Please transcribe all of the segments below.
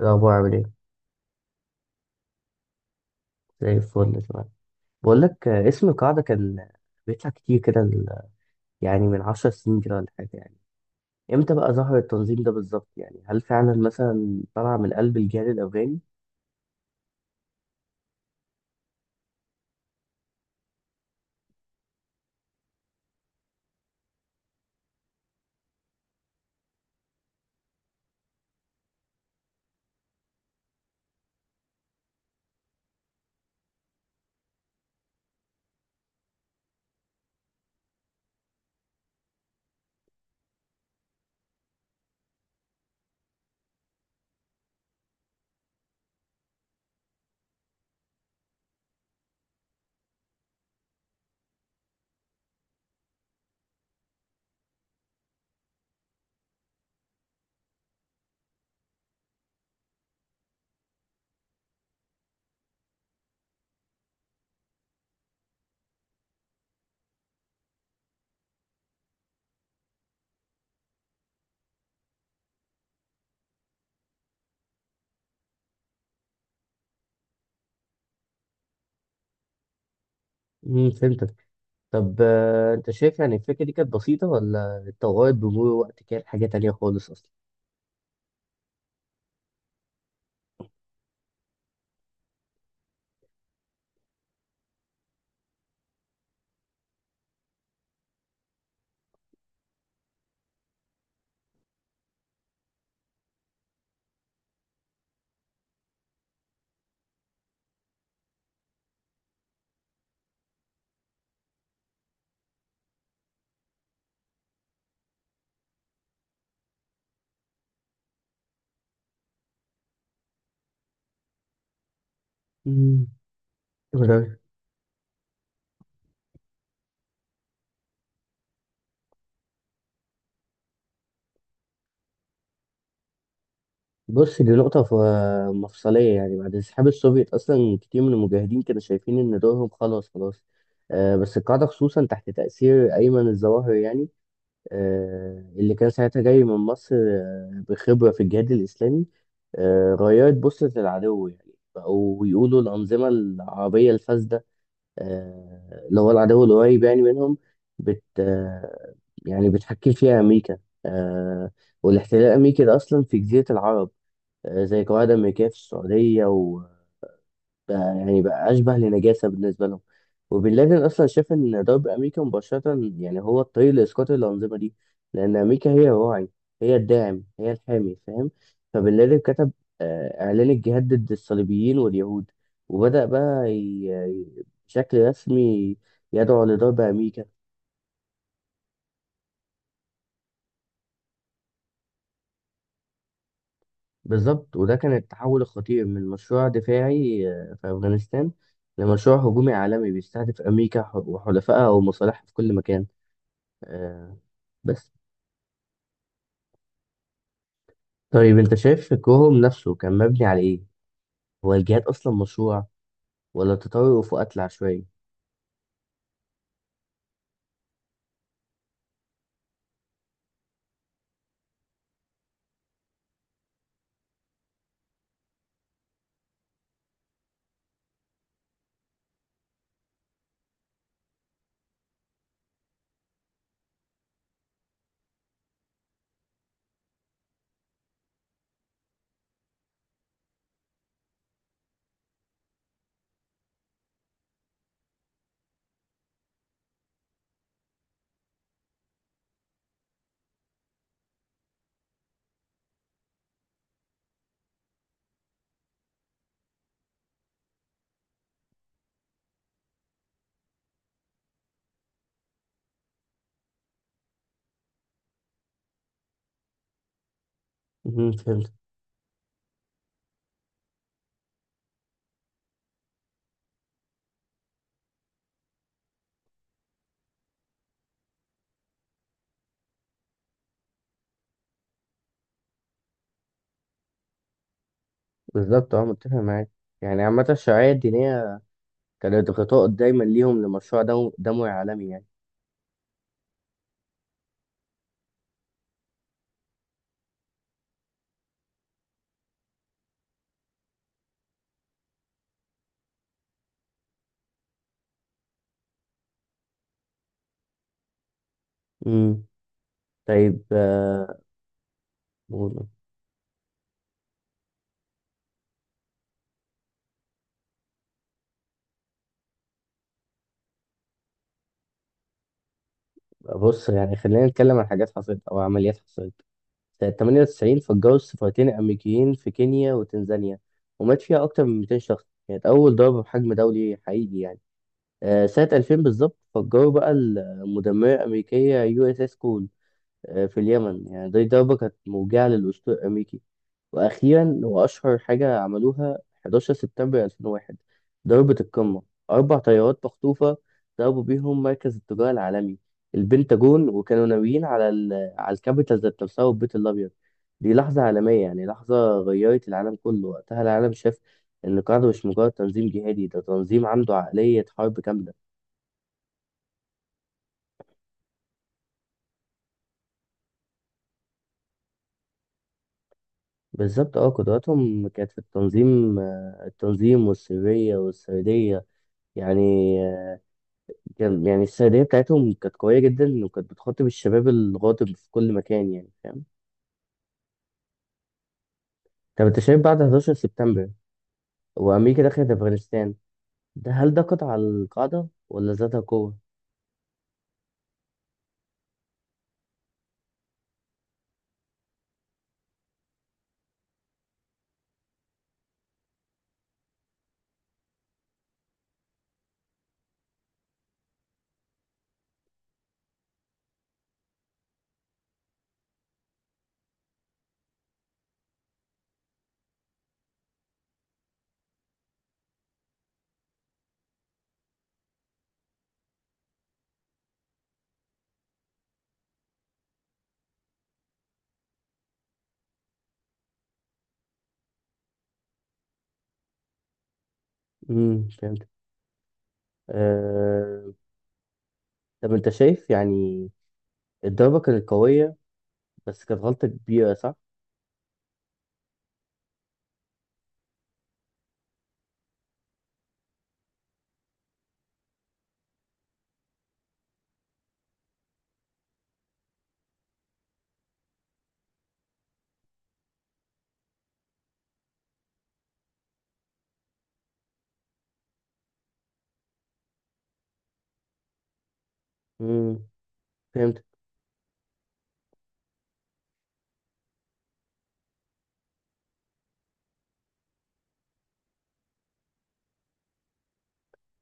إيه الأخبار عامل إيه؟ زي الفل تمام. بقول لك اسم القاعدة كان بيطلع كتير كده يعني من 10 سنين كده ولا حاجة يعني. إمتى بقى ظهر التنظيم ده بالظبط؟ يعني هل فعلا مثلا طلع من قلب الجهاد الأفغاني؟ فهمتك. طب أنت شايف يعني الفكرة دي كانت بسيطة ولا اتطورت بمرور الوقت كده لحاجة تانية خالص أصلا؟ امم. بص دي نقطة مفصلية. يعني بعد انسحاب السوفيت أصلا كتير من المجاهدين كانوا شايفين إن دورهم خلاص خلاص. بس القاعدة خصوصا تحت تأثير أيمن الظواهر، يعني اللي كان ساعتها جاي من مصر بخبرة في الجهاد الإسلامي، غيرت بصة العدو. يعني بقوا يقولوا الأنظمة العربية الفاسدة، اللي هو العدو القريب يعني منهم، بت آه يعني بتحكم فيها أمريكا، آه والاحتلال الأمريكي ده أصلا في جزيرة العرب، زي قواعد أمريكية في السعودية. وبقى يعني بقى أشبه لنجاسة بالنسبة لهم. وبن لادن أصلا شاف إن ضرب أمريكا مباشرة يعني هو الطريق لإسقاط الأنظمة دي، لأن أمريكا هي الراعي، هي الداعم، هي الحامي، فاهم؟ فبن لادن كتب إعلان الجهاد ضد الصليبيين واليهود، وبدأ بقى بشكل رسمي يدعو لضرب أمريكا. بالظبط، وده كان التحول الخطير من مشروع دفاعي في أفغانستان لمشروع هجومي عالمي بيستهدف أمريكا وحلفائها ومصالحها في كل مكان. آه، بس طيب أنت شايف فكرهم نفسه كان مبني على إيه؟ هو الجهاد أصلا مشروع ولا تطرف وقتل عشوائي؟ مهم، فهمت. بالظبط، أه، متفق معاك. يعني عامة الشرعية الدينية كانت غطاء دايما ليهم لمشروع دموي عالمي يعني. مم. طيب بص يعني خلينا نتكلم عن حاجات حصلت أو عمليات حصلت. سنة 98 فجروا السفارتين الأمريكيين في كينيا وتنزانيا، ومات فيها أكتر من 200 شخص. كانت أول ضربة بحجم دولي حقيقي يعني. سنة 2000 بالظبط فجروا بقى المدمرة الأمريكية يو اس اس كول في اليمن. يعني دي ضربة كانت موجعة للأسطول الأمريكي. واخيرا هو اشهر حاجه عملوها، 11 سبتمبر 2001، ضربه القمه. اربع طيارات مخطوفه ضربوا بيهم مركز التجاره العالمي، البنتاجون، وكانوا ناويين على ال على الكابيتال ذات نفسها والبيت الابيض. دي لحظه عالميه، يعني لحظه غيرت العالم كله. وقتها العالم شاف ان القاعده مش مجرد تنظيم جهادي، ده تنظيم عنده عقليه حرب كامله. بالظبط، اه، قدراتهم كانت في التنظيم، التنظيم والسريه والسرديه يعني. كان يعني السرديه بتاعتهم كانت قويه جدا، وكانت بتخاطب الشباب الغاضب في كل مكان يعني، فاهم؟ طب انت شايف بعد 11 سبتمبر وامريكا دخلت افغانستان، ده هل ده قطع على القاعده ولا زادها قوه؟ فهمت. أه... طب انت شايف يعني الضربه كانت قويه بس كانت غلطه كبيره، صح؟ امم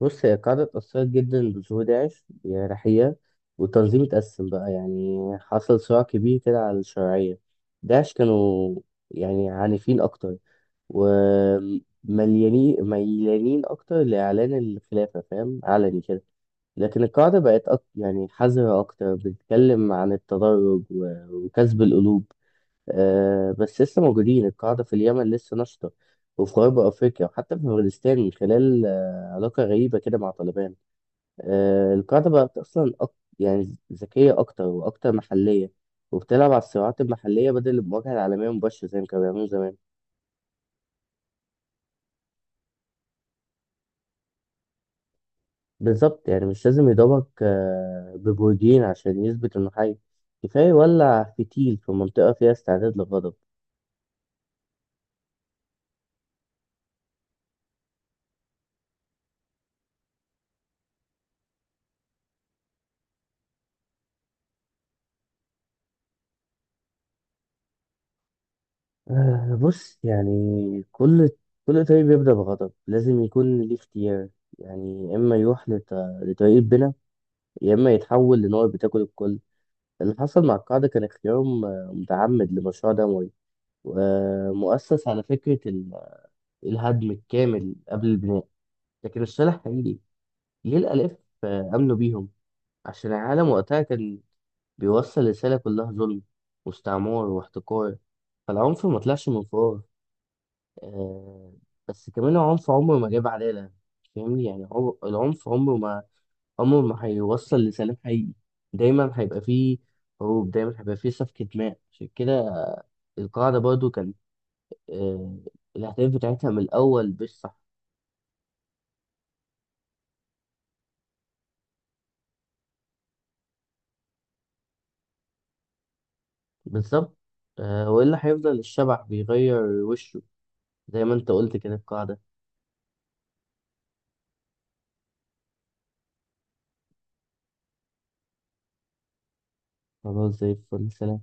بص هي القاعدة اتأثرت جدا بظهور داعش بجراحية، والتنظيم اتقسم بقى. يعني حصل صراع كبير كده على الشرعية. داعش كانوا يعني عنيفين أكتر، ومليانين أكتر لإعلان الخلافة، فاهم؟ علني كده. لكن القاعدة بقت أك... يعني حذرة أكتر، بتتكلم عن التدرج و... وكسب القلوب. بس لسه موجودين. القاعدة في اليمن لسه نشطة، وفي غرب أفريقيا، وحتى في أفغانستان من خلال علاقة غريبة كده مع طالبان. القاعدة بقت أصلا أك... يعني ذكية أكتر وأكتر محلية، وبتلعب على الصراعات المحلية بدل المواجهة العالمية مباشرة زي ما كانوا بيعملوا زمان. بالظبط. يعني مش لازم يضربك ببرجين عشان يثبت إنه حي. كفاية يولع فتيل في منطقة فيها استعداد للغضب. بص يعني كل كل طريق بيبدأ بغضب لازم يكون ليه اختيار. يعني يا إما يروح لطريق البنا، يا إما يتحول لنار بتاكل الكل. اللي حصل مع القاعدة كان اختيارهم متعمد لمشروع دموي، ومؤسس على فكرة الهدم الكامل قبل البناء. لكن الصالح حقيقي ليه الآلاف آمنوا بيهم عشان العالم وقتها كان بيوصل رسالة كلها ظلم واستعمار واحتقار. فالعنف ما طلعش من فراغ، آه، بس كمان العنف عمره ما جاب عدالة. فاهمني؟ يعني العنف عمره ما هيوصل لسلام حقيقي. دايما هيبقى فيه حروب، دايما هيبقى فيه سفكة دماء. عشان كده القاعدة برضو كانت آه، الأهداف بتاعتها من الأول مش صح. بالظبط، وإلا هيفضل الشبح بيغير وشه زي ما أنت قلت كده القاعدة. خلاص زي الفل، سلام.